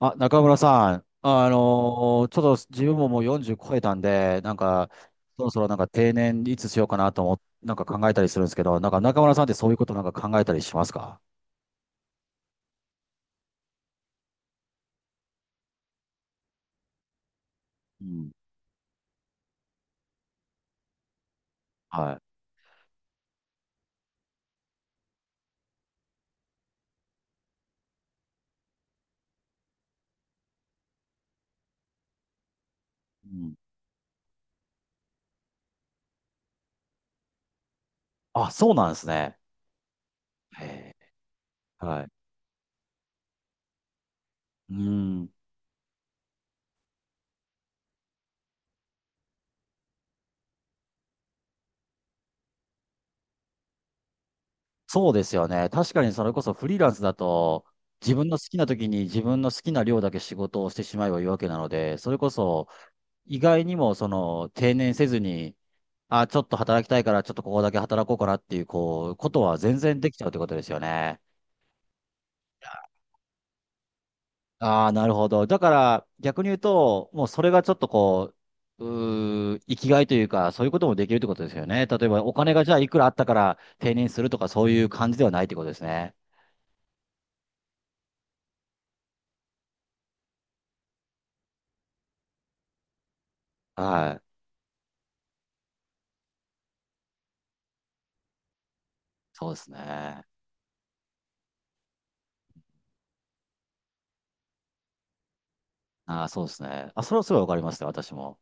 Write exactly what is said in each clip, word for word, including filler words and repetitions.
あ、中村さん、あのーちょっと自分ももうよんじゅう超えたんで、なんか、そろそろなんか定年いつしようかなと思っなんか考えたりするんですけど、なんか中村さんってそういうことなんか考えたりしますか？うん。はい。うん。あ、そうなんですね。へえ。はい。うん。そうですよね。確かにそれこそフリーランスだと、自分の好きな時に自分の好きな量だけ仕事をしてしまえばいいわけなので、それこそ、意外にもその定年せずに、あ、ちょっと働きたいから、ちょっとここだけ働こうかなっていう、こう、ことは全然できちゃうってことですよね。ああ、なるほど。だから、逆に言うと、もうそれがちょっとこう、うー、生きがいというか、そういうこともできるってことですよね。例えば、お金がじゃあいくらあったから定年するとか、そういう感じではないってことですね。はい。そうですね。ああ、そうですね。あ、それはすごいわかりますね、私も。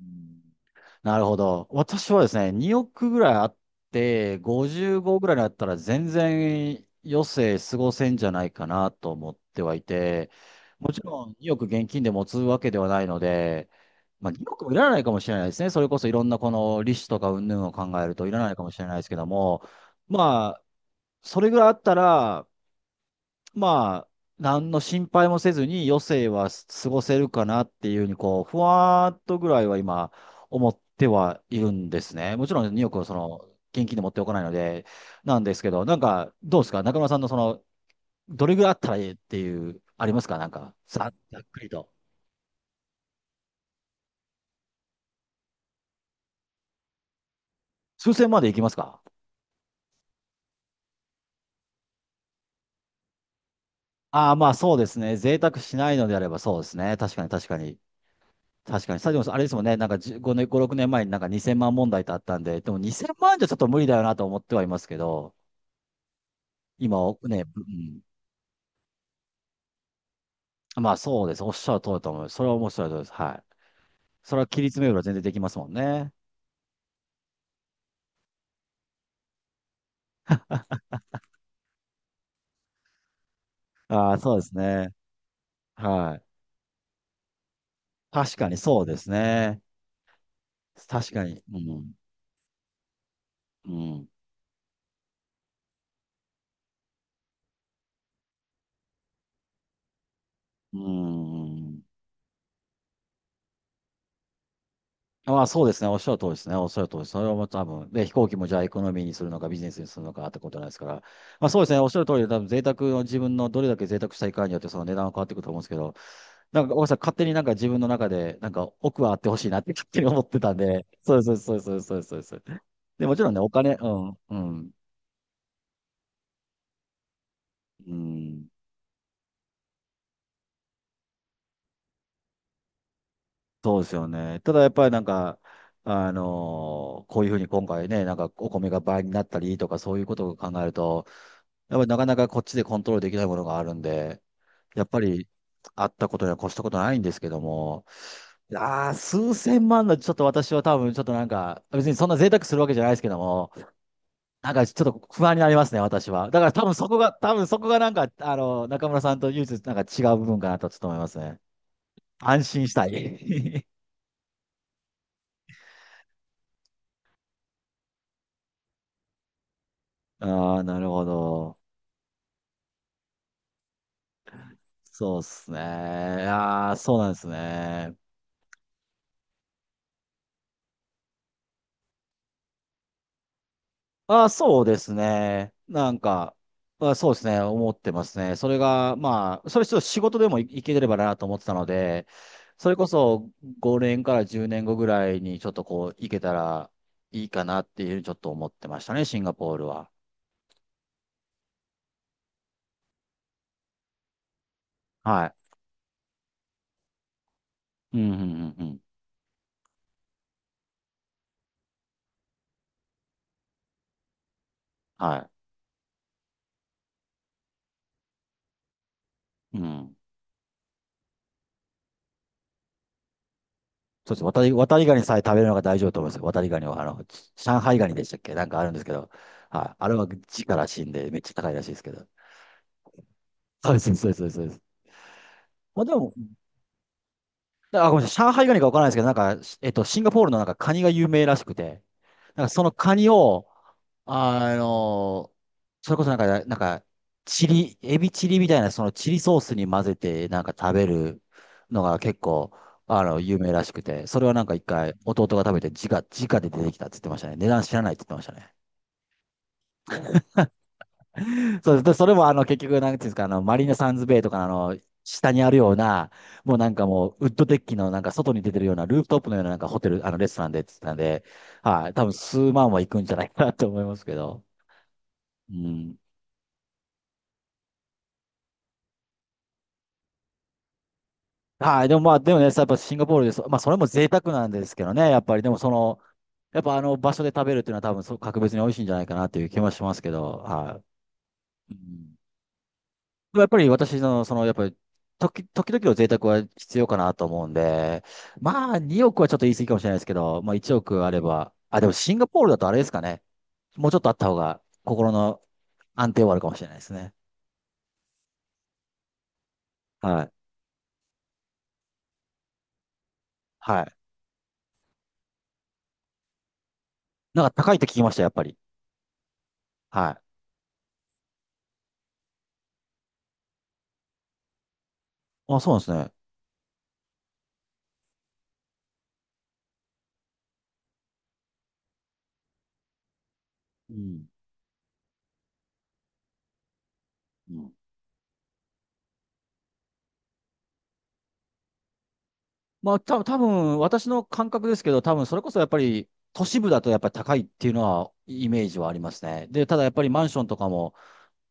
うんなるほど。私はですね、におくぐらいあって、ごじゅうごぐらいになったら全然余生過ごせんじゃないかなと思ってはいて、もちろんにおく現金で持つわけではないので、まあ、におくいらないかもしれないですね。それこそいろんなこの利子とか云々を考えるといらないかもしれないですけども、まあ、それぐらいあったら、まあ、何の心配もせずに余生は過ごせるかなっていうふうに、こう、ふわーっとぐらいは今、思ってはいるんですね。もちろんにおくをその、現金で持っておかないので、なんですけど、なんか、どうですか中村さんのその、どれぐらいあったらいいっていう、ありますかなんか、ざざっくりと。数千までいきますか？ああー、まあそうですね。贅沢しないのであればそうですね。確かに確かに。確かに、サジモさん、あれですもんね、なんかごねん、ご、ろくねんまえになんかにせんまん問題ってあったんで、でもにせんまんじゃちょっと無理だよなと思ってはいますけど、今ね、うん、まあそうです。おっしゃる通りだと思います。それは面白いです。はい。それは切り詰めれば全然できますもんね。ああ、そうですね。はい。確かにそうですね。確かに。うん。うん。うん。まあそうですね。おっしゃる通りですね。おっしゃる通りです。それはもう多分、で、飛行機もじゃあエコノミーにするのかビジネスにするのかってことなんですから。まあそうですね。おっしゃる通りで、多分贅沢の自分のどれだけ贅沢したいかによってその値段は変わってくると思うんですけど、なんか、大川さん、勝手になんか自分の中で、なんか奥はあってほしいなって勝手に思ってたんで、そうです、そうです、そうです、そうです。そうですで、もちろんね、お金、うん、うん、うん、そうですよね。ただやっぱりなんか、あのーこういうふうに今回ね、なんかお米が倍になったりとかそういうことを考えると、やっぱりなかなかこっちでコントロールできないものがあるんで、やっぱりあったことには越したことないんですけども、ああ、数千万のちょっと私は多分ちょっとなんか、別にそんな贅沢するわけじゃないですけども、なんかちょっと不安になりますね、私は。だから多分そこが、多分そこがなんか、あの、中村さんと唯一なんか違う部分かなとちょっと思いますね。安心したい。ああ、なるほど。そうですね。ああ、そうなんですね。あ、そうですね。なんか、あ、そうですね。思ってますね。それが、まあ、それちょっと仕事でもい、いければなと思ってたので、それこそごねんからじゅうねんごぐらいにちょっとこう、行けたらいいかなっていうふうにちょっと思ってましたね、シンガポールは。はい。うん、うん、うん、うん。はい。うん。そうです。渡り、渡りガニさえ食べるのが大丈夫だと思いますよ。渡りガニは、あの、上海ガニでしたっけなんかあるんですけど、はい。あれは地から死んでめっちゃ高いらしいですけど。そうです、そうです、そうです。そうですまあでも、あ、ごめんなさい。上海ガニかわからないですけど、なんか、えっと、シンガポールのなんかカニが有名らしくて、なんかそのカニを、あの、それこそなんか、なんか、チリ、エビチリみたいな、そのチリソースに混ぜてなんか食べるのが結構、あの、有名らしくて、それはなんか一回弟が食べて、直、直で出てきたって言ってましたね。値段知らないって言ってましたね。そうです。でそれもあの結局、なんていうんですか、あの、マリーナサンズベイとかのあの、下にあるような、もうなんかもう、ウッドデッキのなんか外に出てるような、ルーフトップのようななんかホテル、あの、レストランでって言ってたんで、はい、多分数万は行くんじゃないかなと思いますけど。うん。はい、でもまあ、でもね、やっぱシンガポールでそ、まあ、それも贅沢なんですけどね、やっぱり、でもその、やっぱあの場所で食べるっていうのは多分そう、格別に美味しいんじゃないかなっていう気もしますけど、はい。うんやっぱり私の、その、やっぱり、時、時々の贅沢は必要かなと思うんで、まあ、におくはちょっと言い過ぎかもしれないですけど、まあ、いちおくあれば、あ、でもシンガポールだとあれですかね。もうちょっとあった方が、心の安定はあるかもしれないですね。はい。はい。なんか高いって聞きました、やっぱり。はい。あ、そうなんですね。うん。うんまあ、た多分私の感覚ですけど、多分それこそやっぱり、都市部だとやっぱり高いっていうのは、イメージはありますね。で、ただやっぱりマンションとかも、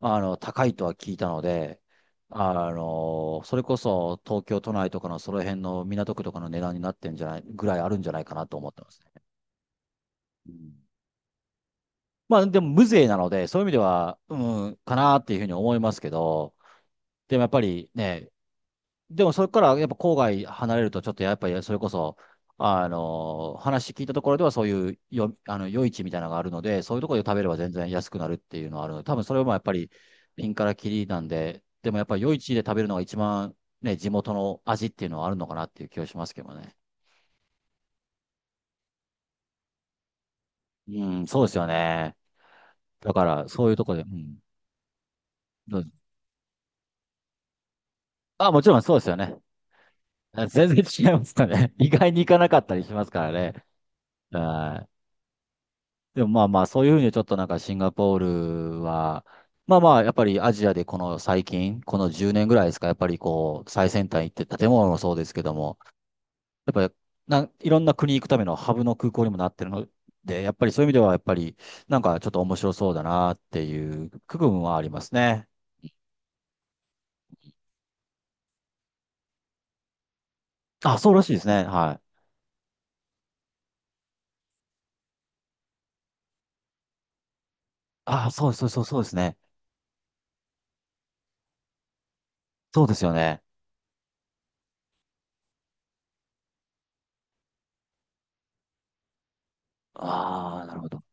あの、高いとは聞いたので、あの、それこそ東京都内とかのその辺の港区とかの値段になってんじゃない、ぐらいあるんじゃないかなと思ってますね。うんまあでも無税なので、そういう意味では、うん、かなっていうふうに思いますけど、でもやっぱりね、でもそれからやっぱ郊外離れるとちょっとやっぱりそれこそ、あの、話聞いたところではそういうよ、あの、夜市みたいなのがあるので、そういうところで食べれば全然安くなるっていうのはあるので、多分それもやっぱりピンからキリなんで、でもやっぱり夜市で食べるのが一番ね、地元の味っていうのはあるのかなっていう気がしますけどね。うん、そうですよね。だからそういうところで、うん。どうぞあ、もちろんそうですよね。全然違いますかね。意外に行かなかったりしますからね。はいでもまあまあ、そういうふうにちょっとなんかシンガポールは、まあまあ、やっぱりアジアでこの最近、このじゅうねんぐらいですか、やっぱりこう、最先端行って建物もそうですけども、やっぱりなんいろんな国行くためのハブの空港にもなってるので、やっぱりそういう意味ではやっぱりなんかちょっと面白そうだなっていう区分はありますね。あ、そうらしいですね。はい。あ、そうそうそうそうですね。そうですよね。ああ、なるほど。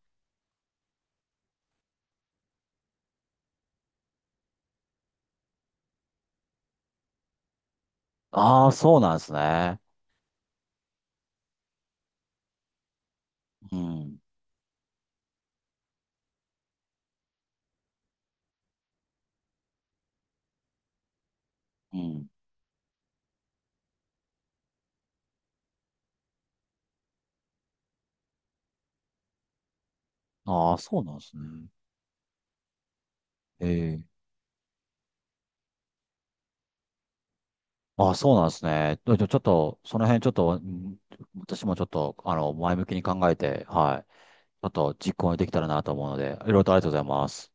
ああ、そうなんですね。うん。うん。ああ、そうなんですね。ええあ、そうなんですね。ででちょっと、その辺ちょっと、ん私もちょっと、あの、前向きに考えて、はい。ちょっと実行できたらなと思うので、いろいろとありがとうございます。